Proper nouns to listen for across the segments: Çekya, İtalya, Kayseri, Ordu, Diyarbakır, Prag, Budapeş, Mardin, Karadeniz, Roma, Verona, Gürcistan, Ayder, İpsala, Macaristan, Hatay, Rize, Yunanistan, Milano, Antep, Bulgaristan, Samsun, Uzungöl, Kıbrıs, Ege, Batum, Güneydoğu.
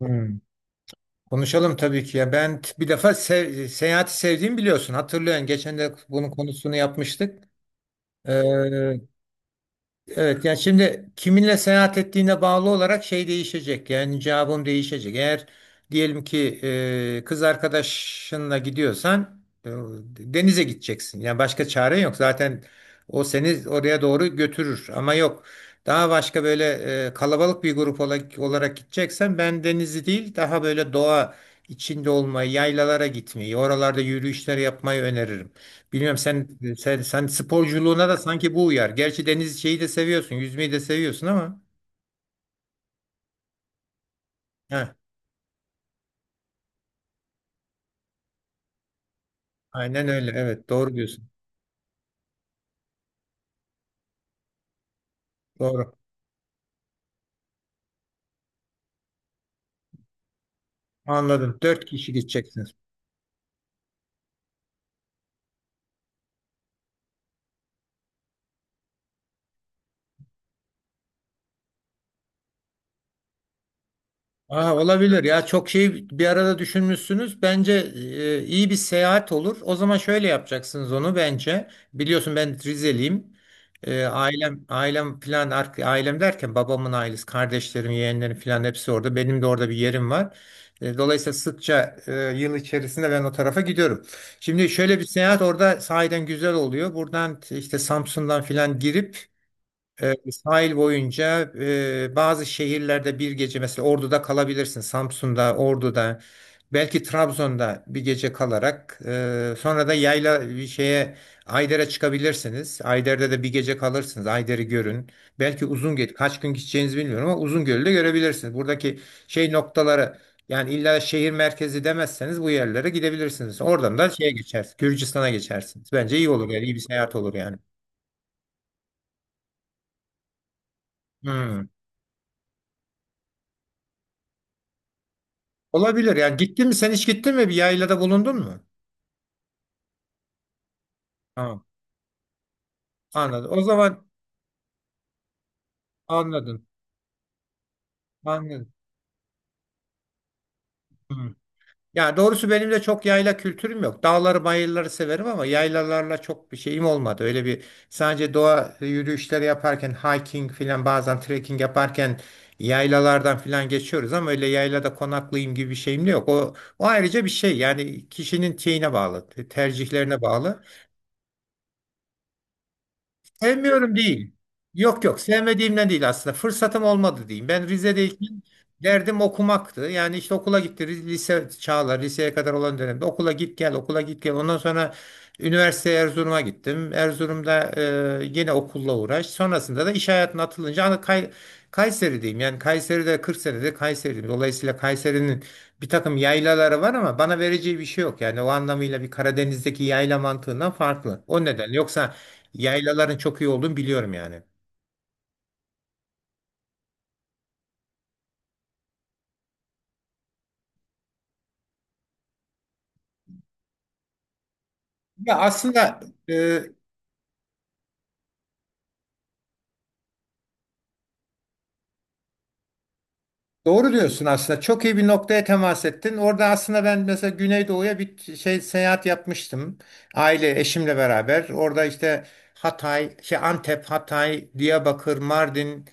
Hmm. Konuşalım tabii ki ya. Bir defa seyahati sevdiğimi biliyorsun. Hatırlıyorsun. Geçen de bunun konusunu yapmıştık. Ee, Evet, yani şimdi kiminle seyahat ettiğine bağlı olarak şey değişecek. Yani cevabım değişecek. Eğer diyelim ki kız arkadaşınla gidiyorsan e, denize gideceksin. Yani başka çare yok. Zaten o seni oraya doğru götürür. Ama yok. Daha başka böyle kalabalık bir grup olarak gideceksen ben denizi değil daha böyle doğa içinde olmayı, yaylalara gitmeyi, oralarda yürüyüşler yapmayı öneririm. Bilmiyorum sen, sen sporculuğuna da sanki bu uyar. Gerçi deniz şeyi de seviyorsun, yüzmeyi de seviyorsun ama. Heh, aynen öyle. Evet, doğru diyorsun. Doğru. Anladım. Dört kişi gideceksiniz. Aa, olabilir ya, çok şey bir arada düşünmüşsünüz. Bence iyi bir seyahat olur. O zaman şöyle yapacaksınız onu bence. Biliyorsun ben Rizeliyim. Ailem falan, ailem derken babamın ailesi, kardeşlerim, yeğenlerim falan hepsi orada. Benim de orada bir yerim var. Dolayısıyla sıkça yıl içerisinde ben o tarafa gidiyorum. Şimdi şöyle bir seyahat orada sahiden güzel oluyor. Buradan işte Samsun'dan falan girip sahil boyunca, bazı şehirlerde bir gece mesela Ordu'da kalabilirsin. Samsun'da, Ordu'da, belki Trabzon'da bir gece kalarak sonra da yayla bir şeye, Ayder'e çıkabilirsiniz. Ayder'de de bir gece kalırsınız. Ayder'i görün. Belki Uzungöl, kaç gün gideceğinizi bilmiyorum ama, Uzungöl'ü de görebilirsiniz. Buradaki şey noktaları, yani illa şehir merkezi demezseniz bu yerlere gidebilirsiniz. Oradan da şeye geçersiniz. Gürcistan'a geçersiniz. Bence iyi olur, yani iyi bir seyahat olur yani. Hmm. Olabilir yani. Gittin mi sen hiç, gittin mi bir yaylada bulundun mu? Tamam, anladım. O zaman anladın. Anladım. Hı. Yani doğrusu benim de çok yayla kültürüm yok. Dağları bayırları severim ama yaylalarla çok bir şeyim olmadı. Öyle bir, sadece doğa yürüyüşleri yaparken hiking filan, bazen trekking yaparken yaylalardan filan geçiyoruz ama öyle yaylada konaklayayım gibi bir şeyim de yok. O ayrıca bir şey, yani kişinin şeyine bağlı, tercihlerine bağlı. Sevmiyorum değil. Yok, sevmediğimden değil aslında. Fırsatım olmadı diyeyim. Ben Rize'deyken derdim okumaktı. Yani işte okula gitti. Lise çağlar, liseye kadar olan dönemde okula git gel, okula git gel. Ondan sonra üniversiteye Erzurum'a gittim. Erzurum'da yine okulla uğraş. Sonrasında da iş hayatına atılınca hani Kayseri'deyim. Yani Kayseri'de 40 senedir Kayseri'deyim. Dolayısıyla Kayseri'nin bir takım yaylaları var ama bana vereceği bir şey yok. Yani o anlamıyla bir Karadeniz'deki yayla mantığından farklı. O neden. Yoksa yaylaların çok iyi olduğunu biliyorum yani. Ya aslında e, doğru diyorsun aslında. Çok iyi bir noktaya temas ettin. Orada aslında ben mesela Güneydoğu'ya bir şey, seyahat yapmıştım. Aile, eşimle beraber. Orada işte Hatay, şey Antep, Hatay, Diyarbakır, Mardin,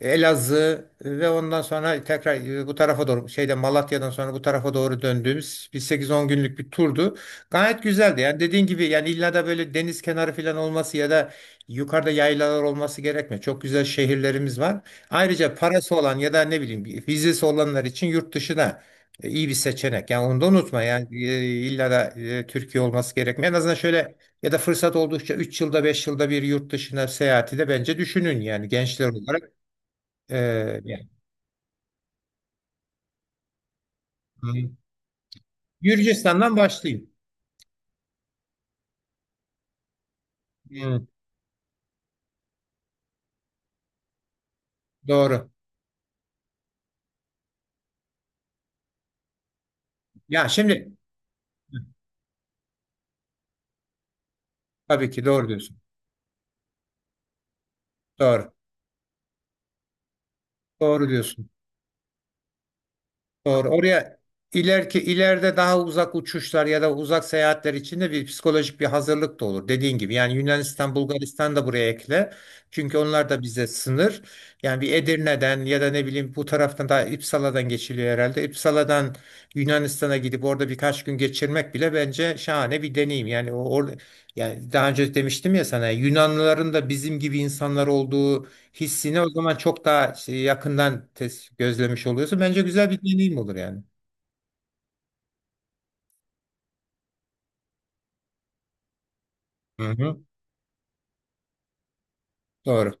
Elazığ, ve ondan sonra tekrar, bu tarafa doğru şeyde, Malatya'dan sonra bu tarafa doğru döndüğümüz bir sekiz on günlük bir turdu. Gayet güzeldi. Yani dediğin gibi, yani illa da böyle deniz kenarı falan olması ya da yukarıda yaylalar olması gerekmiyor. Çok güzel şehirlerimiz var. Ayrıca parası olan ya da ne bileyim bir vizesi olanlar için yurt dışı da iyi bir seçenek. Yani onu da unutma. Yani, illa da Türkiye olması gerekmiyor. En azından şöyle, ya da fırsat oldukça 3 yılda 5 yılda bir yurt dışına seyahati de bence düşünün yani gençler olarak. E, Yani. Hmm. Gürcistan'dan başlayayım. Hmm, doğru. Ya şimdi tabii ki doğru diyorsun. Doğru. Doğru diyorsun. Doğru. Oraya ileride daha uzak uçuşlar ya da uzak seyahatler için de bir psikolojik bir hazırlık da olur. Dediğin gibi yani Yunanistan, Bulgaristan da buraya ekle. Çünkü onlar da bize sınır. Yani bir Edirne'den ya da ne bileyim bu taraftan da İpsala'dan geçiliyor herhalde. İpsala'dan Yunanistan'a gidip orada birkaç gün geçirmek bile bence şahane bir deneyim. Yani o yani daha önce demiştim ya sana, Yunanlıların da bizim gibi insanlar olduğu hissini o zaman çok daha şey, yakından gözlemiş oluyorsun. Bence güzel bir deneyim olur yani. Hı hı. Doğru.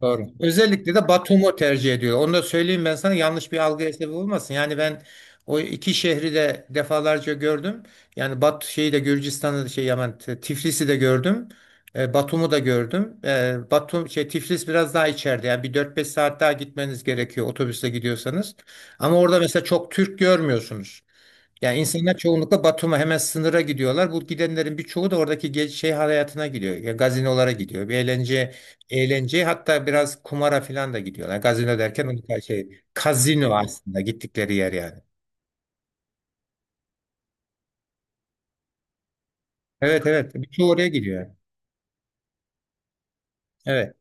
Doğru. Özellikle de Batum'u tercih ediyor. Onu da söyleyeyim ben sana, yanlış bir algıya sebep olmasın. Yani ben o iki şehri de defalarca gördüm. Yani şeyi de, Gürcistan'ı da, şey Yaman Tiflis'i de gördüm. E, Batum'u da gördüm. E, Batum şey, Tiflis biraz daha içeride. Yani bir dört beş saat daha gitmeniz gerekiyor otobüsle gidiyorsanız. Ama orada mesela çok Türk görmüyorsunuz. Yani insanlar çoğunlukla Batum'a, hemen sınıra gidiyorlar. Bu gidenlerin birçoğu da oradaki şey hayatına gidiyor. Ya gazinolara gidiyor. Bir eğlence, hatta biraz kumara falan da gidiyorlar. Gazino derken o tarz şey, kazino aslında gittikleri yer yani. Evet, evet. Birçoğu oraya gidiyor. Evet.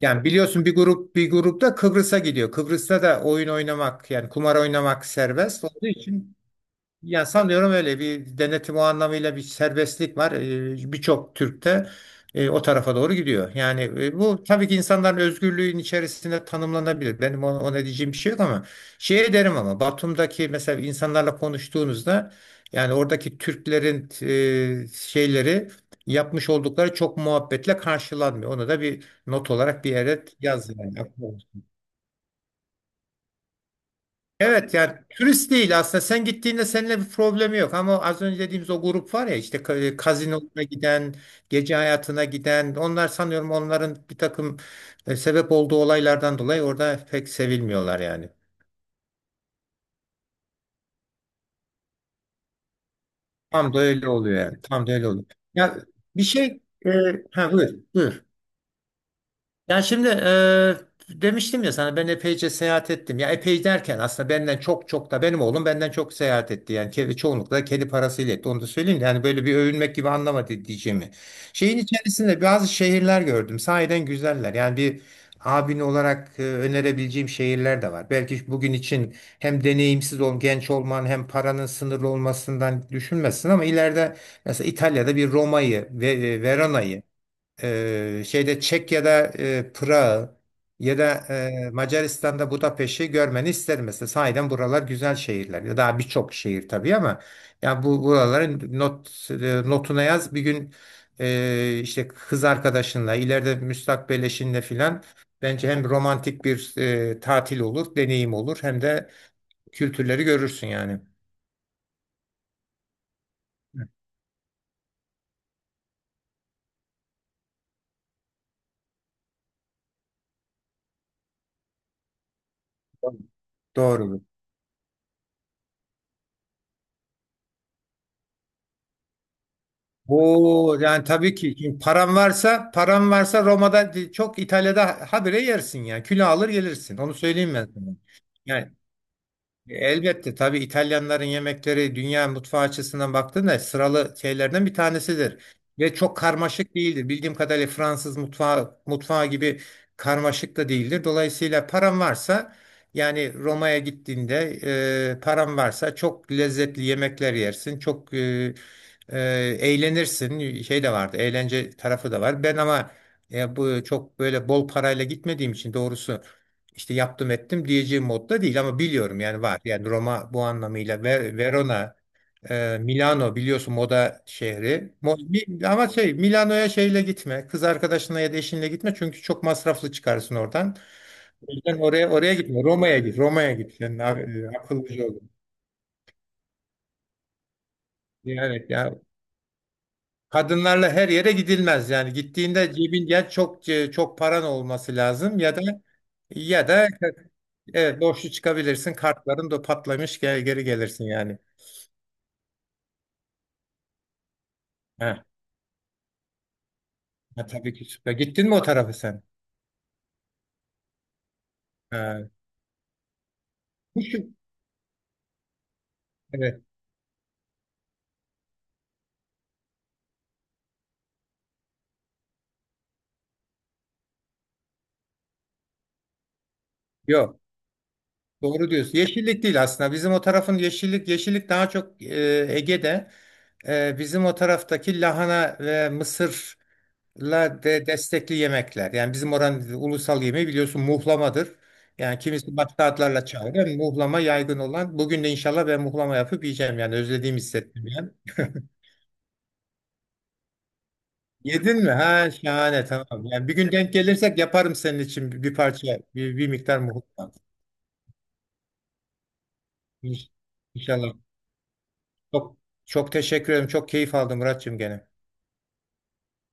Yani biliyorsun bir grup, bir grupta Kıbrıs'a gidiyor. Kıbrıs'ta da oyun oynamak, yani kumar oynamak serbest olduğu için, ya sanıyorum öyle bir denetim, o anlamıyla bir serbestlik var. Birçok Türk'te o tarafa doğru gidiyor. Yani bu tabii ki insanların özgürlüğün içerisinde tanımlanabilir. Benim ona diyeceğim bir şey yok ama şey derim ama, Batum'daki mesela insanlarla konuştuğunuzda, yani oradaki Türklerin şeyleri yapmış oldukları çok muhabbetle karşılanmıyor. Onu da bir not olarak bir yere yaz yani. Evet, yani turist değil aslında, sen gittiğinde seninle bir problemi yok ama az önce dediğimiz o grup var ya işte, kazinolara giden, gece hayatına giden, onlar sanıyorum onların bir takım sebep olduğu olaylardan dolayı orada pek sevilmiyorlar yani. Tam da öyle oluyor yani, tam da öyle oluyor. Ya bir şey e, ha, buyur, buyur. Yani şimdi demiştim ya sana ben epeyce seyahat ettim. Ya epey derken aslında benden çok, çok da benim oğlum benden çok seyahat etti. Yani kedi, çoğunlukla kedi parasıyla etti. Onu da söyleyeyim. De yani böyle bir övünmek gibi anlamadı diyeceğimi. Şeyin içerisinde bazı şehirler gördüm. Sahiden güzeller. Yani bir abin olarak önerebileceğim şehirler de var. Belki bugün için hem deneyimsiz ol, genç olman hem paranın sınırlı olmasından düşünmezsin ama ileride mesela İtalya'da bir Roma'yı ve Verona'yı, şeyde Çekya'da Prag'ı, ya da Macaristan'da Budapeş'i görmeni isterim mesela. Sahiden buralar güzel şehirler. Ya daha birçok şehir tabii ama ya bu buraların not e, notuna yaz. Bir gün işte kız arkadaşınla, ileride müstakbel eşinle filan, bence hem romantik bir tatil olur, deneyim olur, hem de kültürleri görürsün yani. Doğru. Oo yani tabii ki. Şimdi param varsa, param varsa Roma'da, çok İtalya'da habire yersin ya. Kilo alır gelirsin. Onu söyleyeyim ben sana. Yani. Elbette tabii İtalyanların yemekleri dünya mutfağı açısından baktığında sıralı şeylerden bir tanesidir. Ve çok karmaşık değildir. Bildiğim kadarıyla Fransız mutfağı gibi karmaşık da değildir. Dolayısıyla param varsa, yani Roma'ya gittiğinde, param varsa çok lezzetli yemekler yersin. E, Eğlenirsin. Şey de vardı, eğlence tarafı da var. Ben ama bu çok böyle bol parayla gitmediğim için doğrusu, işte yaptım ettim diyeceğim modda değil ama biliyorum yani var. Yani Roma bu anlamıyla Verona, Milano biliyorsun moda şehri. Ama şey, Milano'ya şeyle gitme. Kız arkadaşınla ya da eşinle gitme çünkü çok masraflı çıkarsın oradan. O yüzden oraya gitme. Roma'ya git. Roma'ya git. Sen akıllıca ol. Yani ya kadınlarla her yere gidilmez. Yani gittiğinde cebin, ya çok çok paran olması lazım, ya da, ya da evet borçlu çıkabilirsin. Kartların da patlamış geri gelirsin yani. Ha, ha, tabii ki süper. Gittin mi o tarafa sen? Ha, bu şu- evet. Yok. Doğru diyorsun. Yeşillik değil aslında. Bizim o tarafın yeşillik, yeşillik daha çok Ege'de. E, bizim o taraftaki lahana ve mısırla de destekli yemekler. Yani bizim oranın ulusal yemeği biliyorsun muhlamadır. Yani kimisi başka adlarla çağırıyor. Muhlama yaygın olan. Bugün de inşallah ben muhlama yapıp yiyeceğim. Yani özlediğimi hissettim yani. Yedin mi? Ha şahane, tamam. Yani bir gün denk gelirsek yaparım senin için bir parça, bir miktar muhakkak. İnş- İnşallah. Çok Çok teşekkür ederim. Çok keyif aldım Muratçığım gene.